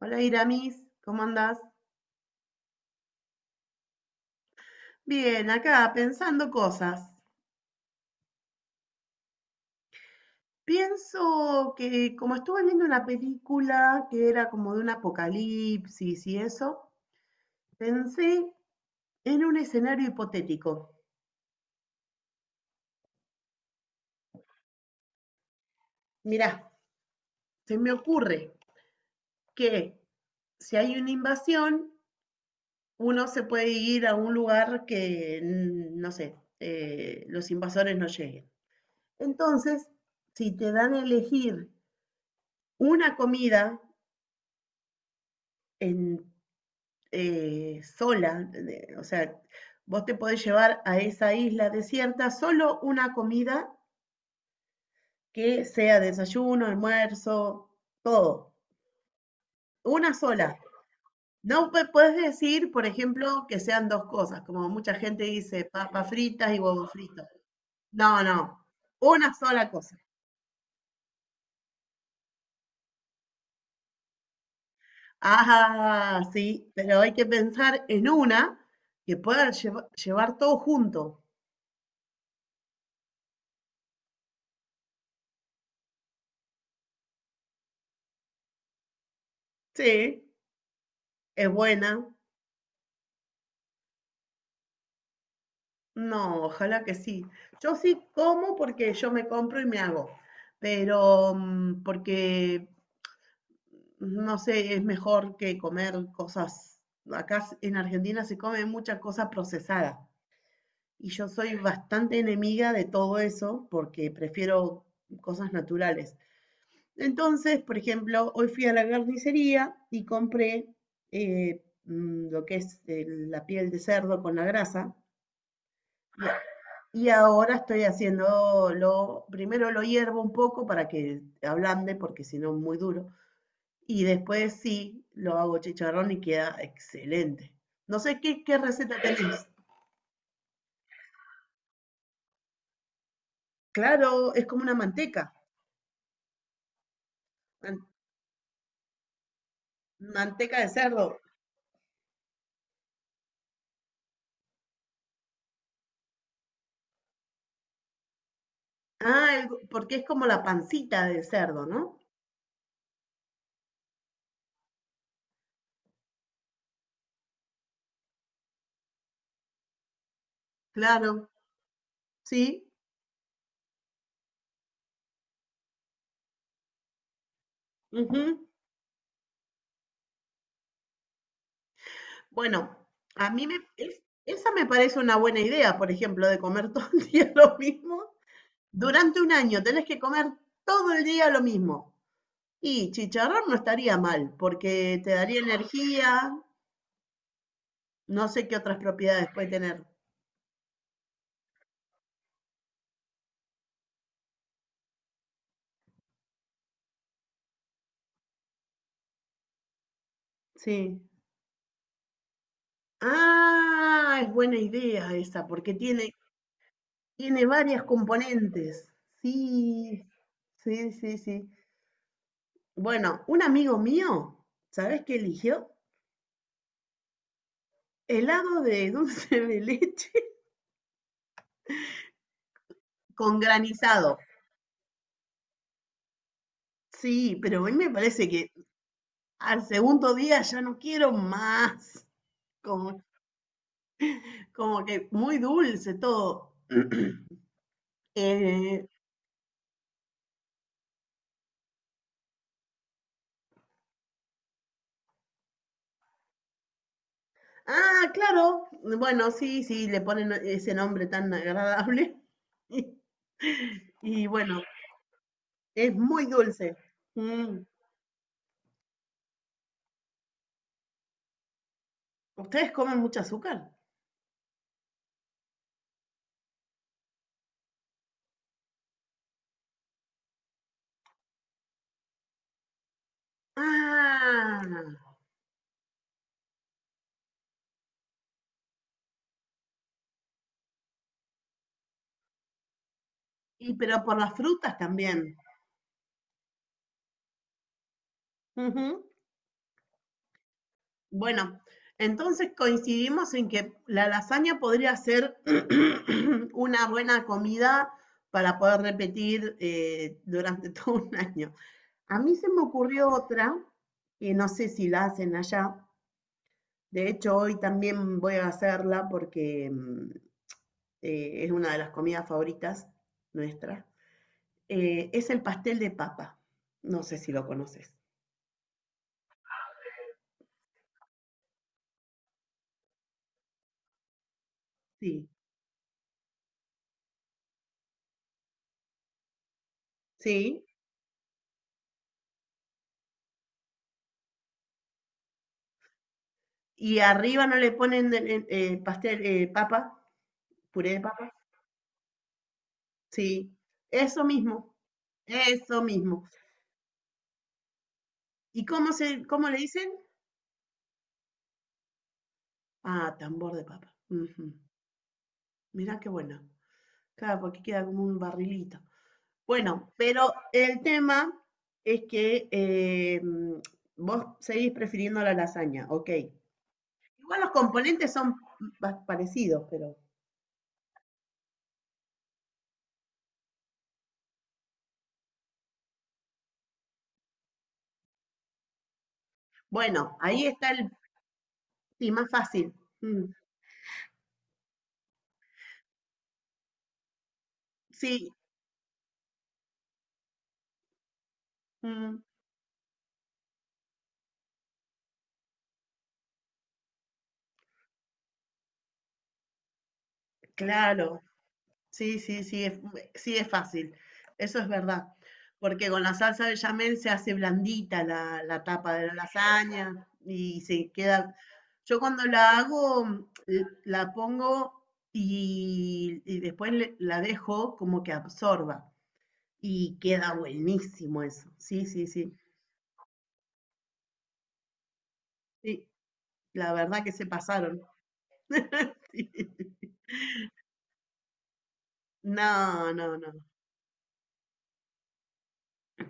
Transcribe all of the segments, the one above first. Hola Iramis, ¿cómo andás? Bien, acá pensando cosas. Pienso que como estuve viendo una película que era como de un apocalipsis y eso, pensé en un escenario hipotético. Mirá, se me ocurre que si hay una invasión, uno se puede ir a un lugar que no sé, los invasores no lleguen. Entonces, si te dan a elegir una comida en sola, o sea, vos te podés llevar a esa isla desierta solo una comida que sea desayuno, almuerzo, todo, una sola. No puedes decir, por ejemplo, que sean dos cosas, como mucha gente dice, papas fritas y huevos fritos. No, no, una sola cosa. Ah, sí, pero hay que pensar en una que pueda llevar todo junto. Sí, es buena. No, ojalá que sí. Yo sí como porque yo me compro y me hago, pero no sé, es mejor que comer cosas. Acá s- en Argentina se come mucha cosa procesada y yo soy bastante enemiga de todo eso porque prefiero cosas naturales. Entonces, por ejemplo, hoy fui a la carnicería y compré lo que es la piel de cerdo con la grasa. Y ahora estoy haciendo lo, primero lo hiervo un poco para que ablande, porque si no es muy duro. Y después sí, lo hago chicharrón y queda excelente. No sé qué, qué receta tenés. Claro, es como una manteca, man- manteca de cerdo. Ah, el- porque es como la pancita de cerdo, ¿no? Claro, sí. Ujú. Bueno, a mí me, esa me parece una buena idea, por ejemplo, de comer todo el día lo mismo. Durante un año tenés que comer todo el día lo mismo. Y chicharrón no estaría mal, porque te daría energía, no sé qué otras propiedades puede tener. Sí. Ah, es buena idea esa, porque tiene varias componentes. Sí, sí, sí, sí. Bueno, un amigo mío, ¿sabes qué eligió? Helado de dulce de leche con granizado. Sí, pero a mí me parece que al segundo día ya no quiero más. Como, como que muy dulce todo. Eh, ah, claro, bueno, sí, sí, le ponen ese nombre tan agradable. Y, y bueno, es muy dulce. Mm. ¿Ustedes comen mucho azúcar? Ah, y pero por las frutas también. Ujú. Bueno, entonces coincidimos en que la lasaña podría ser una buena comida para poder repetir durante todo un año. A mí se me ocurrió otra, que no sé si la hacen allá. De hecho, hoy también voy a hacerla porque es una de las comidas favoritas nuestras. Es el pastel de papa. No sé si lo conoces. Sí, sí. Y arriba no le ponen pastel, papa, puré de papa. Sí, eso mismo, eso mismo. ¿Y cómo cómo le dicen? Ah, tambor de papa. Ujú. Mirá qué bueno. Claro, porque queda como un barrilito. Bueno, pero el tema es que vos seguís prefiriendo la lasaña, ok. Igual los componentes son parecidos, pero bueno, ahí está el sí, más fácil. Mm, sí, mm, claro. Sí, sí, sí es fácil. Eso es verdad. Porque con la salsa bechamel se hace blandita la tapa de la lasaña y se queda. Yo cuando la hago, mm, la pongo y después la dejo como que absorba y queda buenísimo eso. Sí, sí, sí. Sí, la verdad que se pasaron. Sí. No, no, no.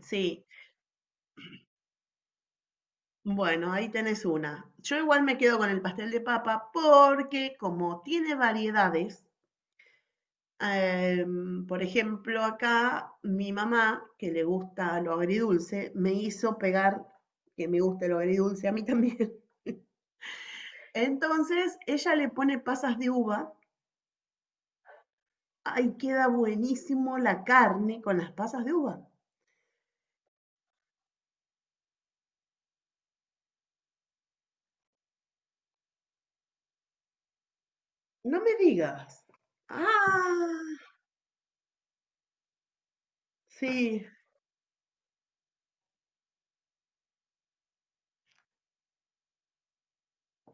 Sí. Bueno, ahí tenés una. Yo igual me quedo con el pastel de papa porque como tiene variedades, em, por ejemplo, acá mi mamá, que le gusta lo agridulce, me hizo pegar que me guste lo agridulce a mí también. Entonces, ella le pone pasas de uva. Ahí queda buenísimo la carne con las pasas de uva. No me digas. Ah, sí.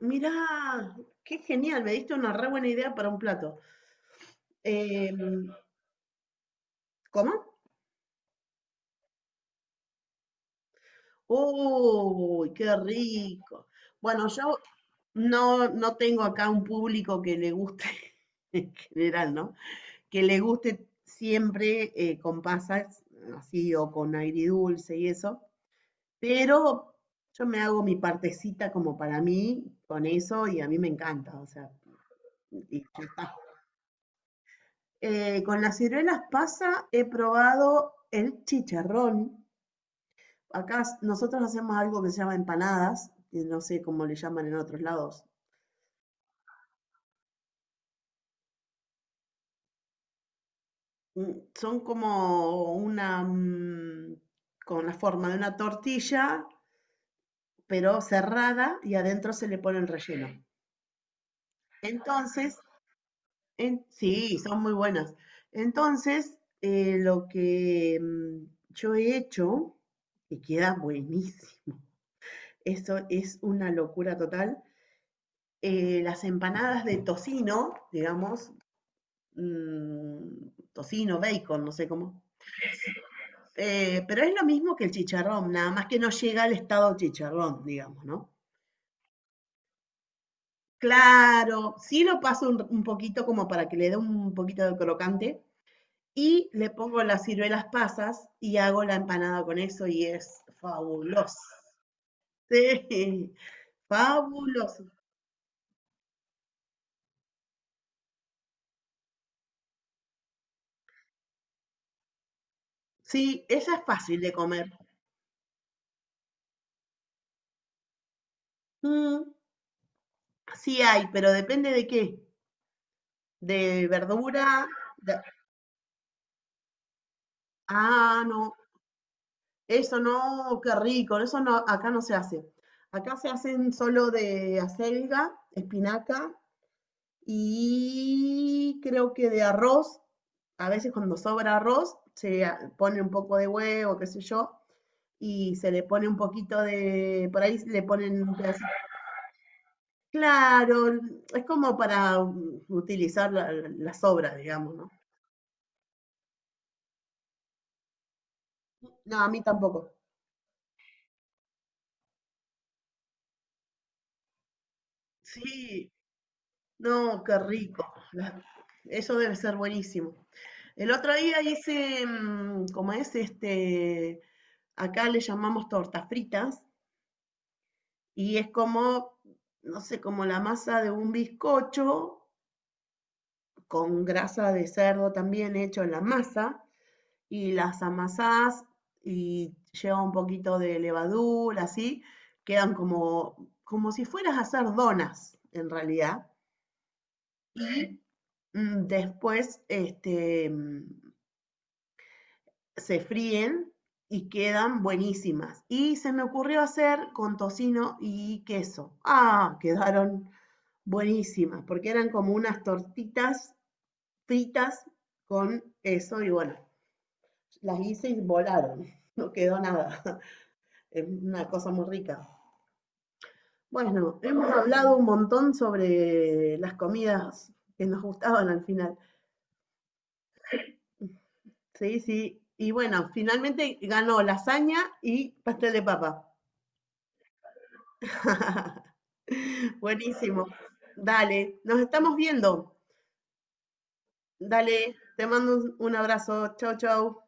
Mirá, qué genial. Me diste una re buena idea para un plato. Em, ¿cómo? Uy, qué rico. Bueno, yo no, no tengo acá un público que le guste, en general, ¿no? Que le guste siempre con pasas, así o con dulce y eso, pero yo me hago mi partecita como para mí con eso y a mí me encanta, o sea, y ya está. Con las ciruelas pasa, he probado el chicharrón. Acá nosotros hacemos algo que se llama empanadas, que no sé cómo le llaman en otros lados. Mm, son como una, mm, con la forma de una tortilla, pero cerrada y adentro se le pone el relleno. Entonces, sí, son muy buenas. Entonces, lo que yo he hecho, y queda buenísimo, eso es una locura total, las empanadas de tocino, digamos, mm, tocino, bacon, no sé cómo. Pero es lo mismo que el chicharrón, nada más que no llega al estado chicharrón, digamos, ¿no? Claro, sí lo paso un poquito como para que le dé un poquito de crocante y le pongo las ciruelas pasas y hago la empanada con eso y es fabuloso. Sí, fabuloso. Sí, esa es fácil de comer. Mm, sí hay, pero depende de qué. De verdura. de- Ah, no. Eso no, qué rico, eso no, acá no se hace. Acá se hacen solo de acelga, espinaca y creo que de arroz. A veces cuando sobra arroz se pone un poco de huevo, qué sé yo, y se le pone un poquito de, por ahí le ponen un pedacito. Claro, es como para utilizar las sobras, digamos, ¿no? No, a mí tampoco. Sí, no, qué rico. la- Eso debe ser buenísimo. El otro día hice, mm, como es este, acá le llamamos tortas fritas, y es como, no sé, como la masa de un bizcocho con grasa de cerdo también hecho en la masa, y las amasás y lleva un poquito de levadura, así, quedan como, como si fueras a hacer donas, en realidad. Mm, después, este, mm, se fríen y quedan buenísimas. Y se me ocurrió hacer con tocino y queso. Ah, quedaron buenísimas, porque eran como unas tortitas fritas con queso y bueno, las hice y volaron. No quedó nada. Es una cosa muy rica. Bueno, hemos hablado un montón sobre las comidas que nos gustaban al final. Sí, sí. Y bueno, finalmente ganó lasaña y pastel de papa. Buenísimo. Dale, nos estamos viendo. Dale, te mando un abrazo. Chau, chau.